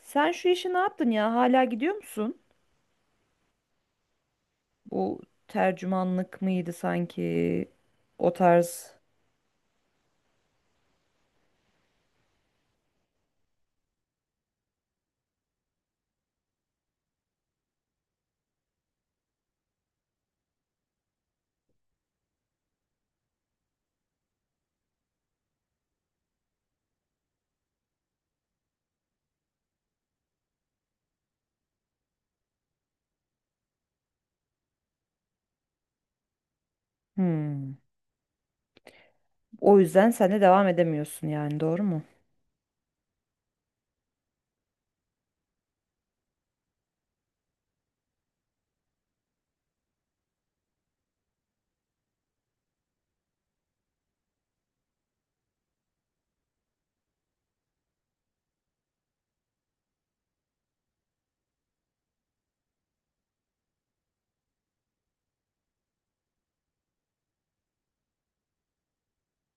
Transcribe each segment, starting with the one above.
Sen şu işi ne yaptın ya? Hala gidiyor musun? Bu tercümanlık mıydı sanki? O tarz. Hmm. O yüzden sen de devam edemiyorsun yani doğru mu?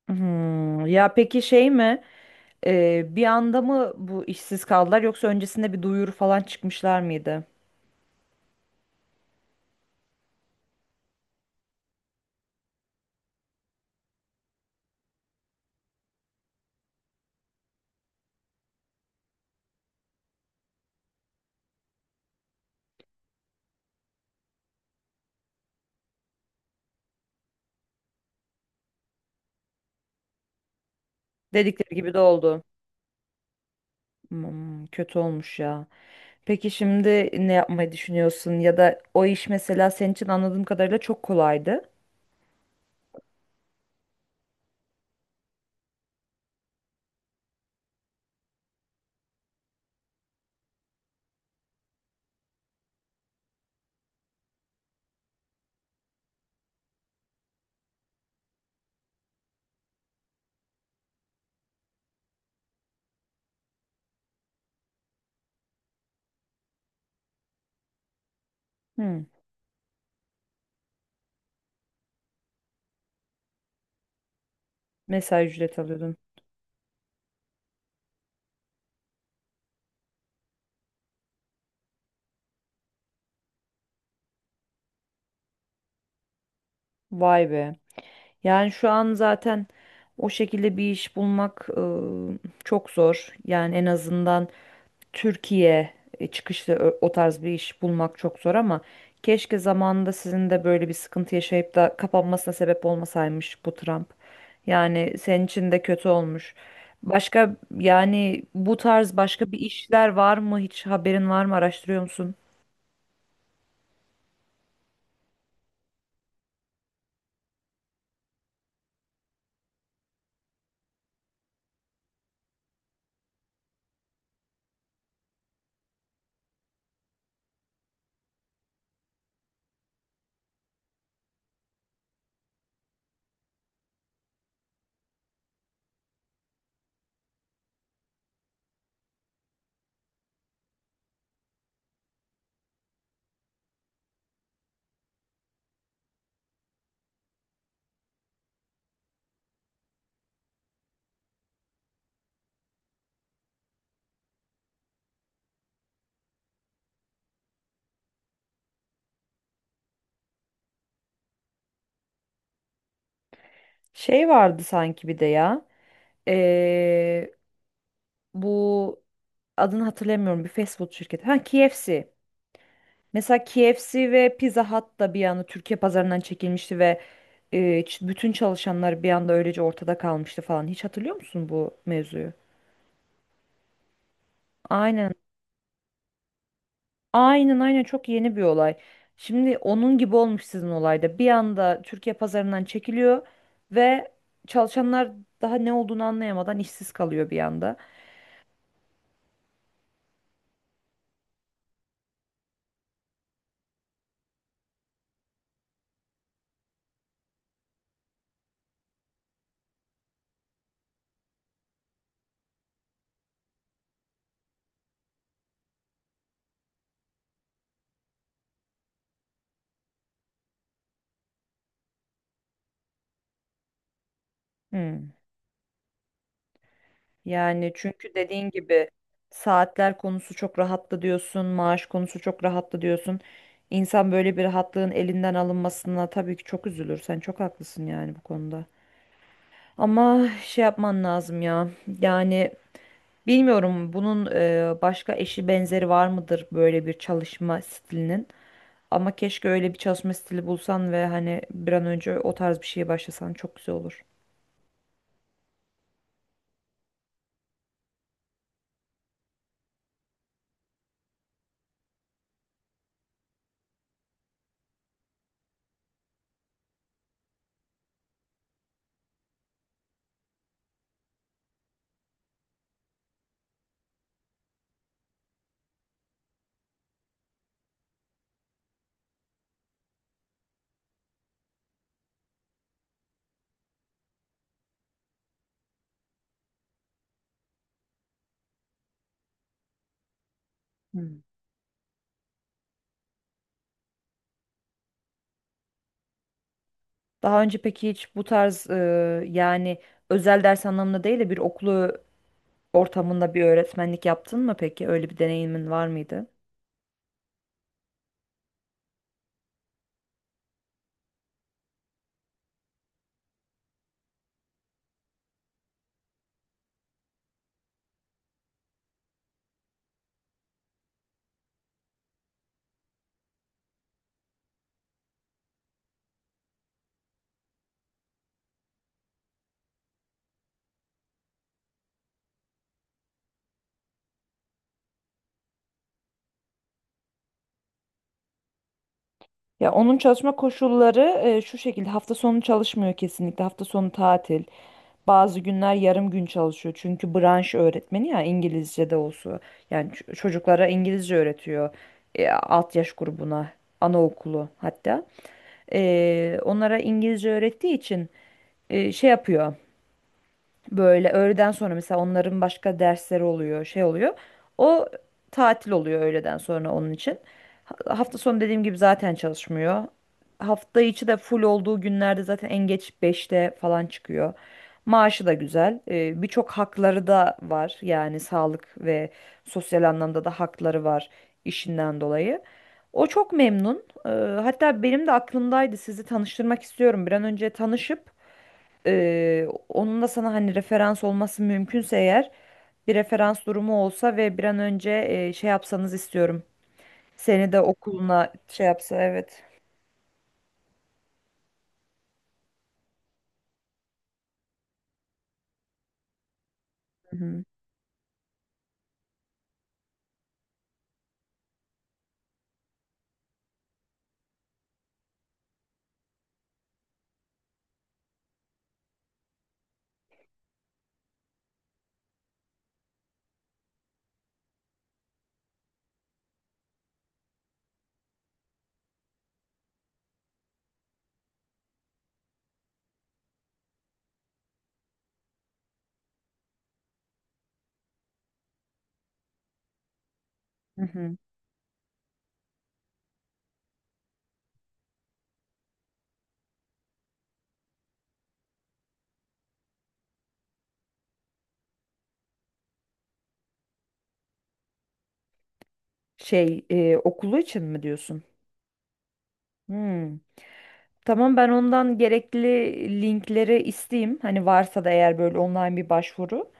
Hmm. Ya peki şey mi? Bir anda mı bu işsiz kaldılar yoksa öncesinde bir duyuru falan çıkmışlar mıydı? Dedikleri gibi de oldu. Hmm, kötü olmuş ya. Peki şimdi ne yapmayı düşünüyorsun? Ya da o iş mesela senin için anladığım kadarıyla çok kolaydı. Hmm. Mesai ücret alıyordun. Vay be. Yani şu an zaten o şekilde bir iş bulmak çok zor. Yani en azından Türkiye çıkışlı o tarz bir iş bulmak çok zor ama keşke zamanında sizin de böyle bir sıkıntı yaşayıp da kapanmasına sebep olmasaymış bu Trump. Yani senin için de kötü olmuş. Başka yani bu tarz başka bir işler var mı? Hiç haberin var mı? Araştırıyor musun? Şey vardı sanki bir de ya, bu adını hatırlamıyorum bir fast food şirketi. Ha, KFC. Mesela KFC ve Pizza Hut da bir anda Türkiye pazarından çekilmişti ve e, bütün çalışanlar bir anda öylece ortada kalmıştı falan. Hiç hatırlıyor musun bu mevzuyu? Aynen. Aynen aynen çok yeni bir olay. Şimdi onun gibi olmuş sizin olayda. Bir anda Türkiye pazarından çekiliyor ve çalışanlar daha ne olduğunu anlayamadan işsiz kalıyor bir anda. Hmm. Yani çünkü dediğin gibi saatler konusu çok rahattı diyorsun, maaş konusu çok rahattı diyorsun. İnsan böyle bir rahatlığın elinden alınmasına tabii ki çok üzülür. Sen çok haklısın yani bu konuda. Ama şey yapman lazım ya. Yani bilmiyorum bunun başka eşi benzeri var mıdır böyle bir çalışma stilinin. Ama keşke öyle bir çalışma stili bulsan ve hani bir an önce o tarz bir şeye başlasan çok güzel olur. Hmm. Daha önce peki hiç bu tarz yani özel ders anlamında değil de bir okulu ortamında bir öğretmenlik yaptın mı peki? Öyle bir deneyimin var mıydı? Ya onun çalışma koşulları şu şekilde hafta sonu çalışmıyor, kesinlikle hafta sonu tatil. Bazı günler yarım gün çalışıyor çünkü branş öğretmeni ya, İngilizce de olsun. Yani çocuklara İngilizce öğretiyor, alt yaş grubuna, anaokulu hatta. Onlara İngilizce öğrettiği için şey yapıyor. Böyle öğleden sonra mesela onların başka dersleri oluyor, şey oluyor. O tatil oluyor öğleden sonra onun için. Hafta sonu dediğim gibi zaten çalışmıyor. Hafta içi de full olduğu günlerde zaten en geç beşte falan çıkıyor. Maaşı da güzel. Birçok hakları da var. Yani sağlık ve sosyal anlamda da hakları var işinden dolayı. O çok memnun. Hatta benim de aklımdaydı, sizi tanıştırmak istiyorum. Bir an önce tanışıp onun da sana hani referans olması mümkünse eğer, bir referans durumu olsa ve bir an önce şey yapsanız istiyorum. Seni de okuluna şey yapsa, evet. Hı hı. Hı hı. Şey, okulu için mi diyorsun? Hmm. Tamam, ben ondan gerekli linkleri isteyeyim. Hani varsa da eğer böyle online bir başvuru.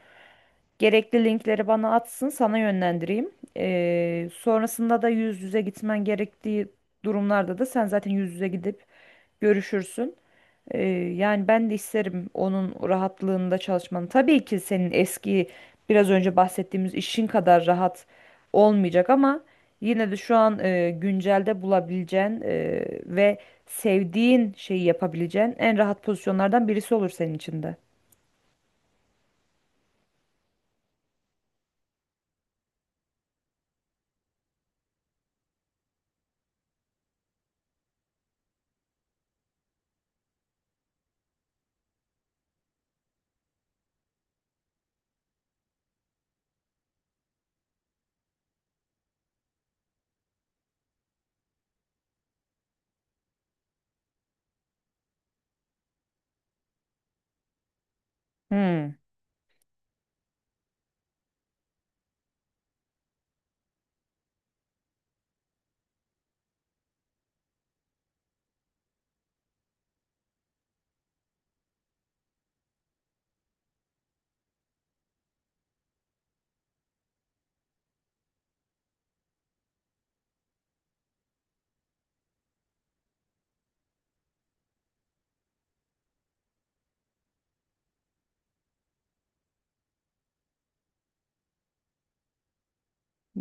Gerekli linkleri bana atsın, sana yönlendireyim. Sonrasında da yüz yüze gitmen gerektiği durumlarda da sen zaten yüz yüze gidip görüşürsün. Ee, Yani ben de isterim onun rahatlığında çalışmanı. Tabii ki senin eski, biraz önce bahsettiğimiz işin kadar rahat olmayacak ama yine de şu an güncelde bulabileceğin ve sevdiğin şeyi yapabileceğin en rahat pozisyonlardan birisi olur senin için de. Hmm,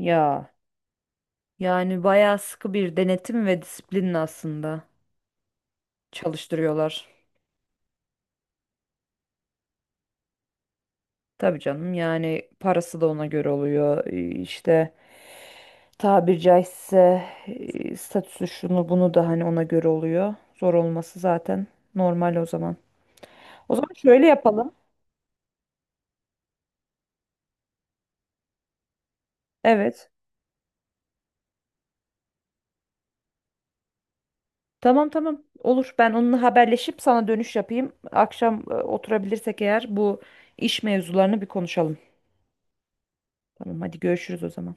ya yani bayağı sıkı bir denetim ve disiplin aslında çalıştırıyorlar. Tabii canım, yani parası da ona göre oluyor işte, tabiri caizse statüsü şunu bunu da hani ona göre oluyor. Zor olması zaten normal o zaman. O zaman şöyle yapalım. Evet. Tamam, tamam, olur. Ben onunla haberleşip sana dönüş yapayım. Akşam oturabilirsek eğer bu iş mevzularını bir konuşalım. Tamam, hadi görüşürüz o zaman.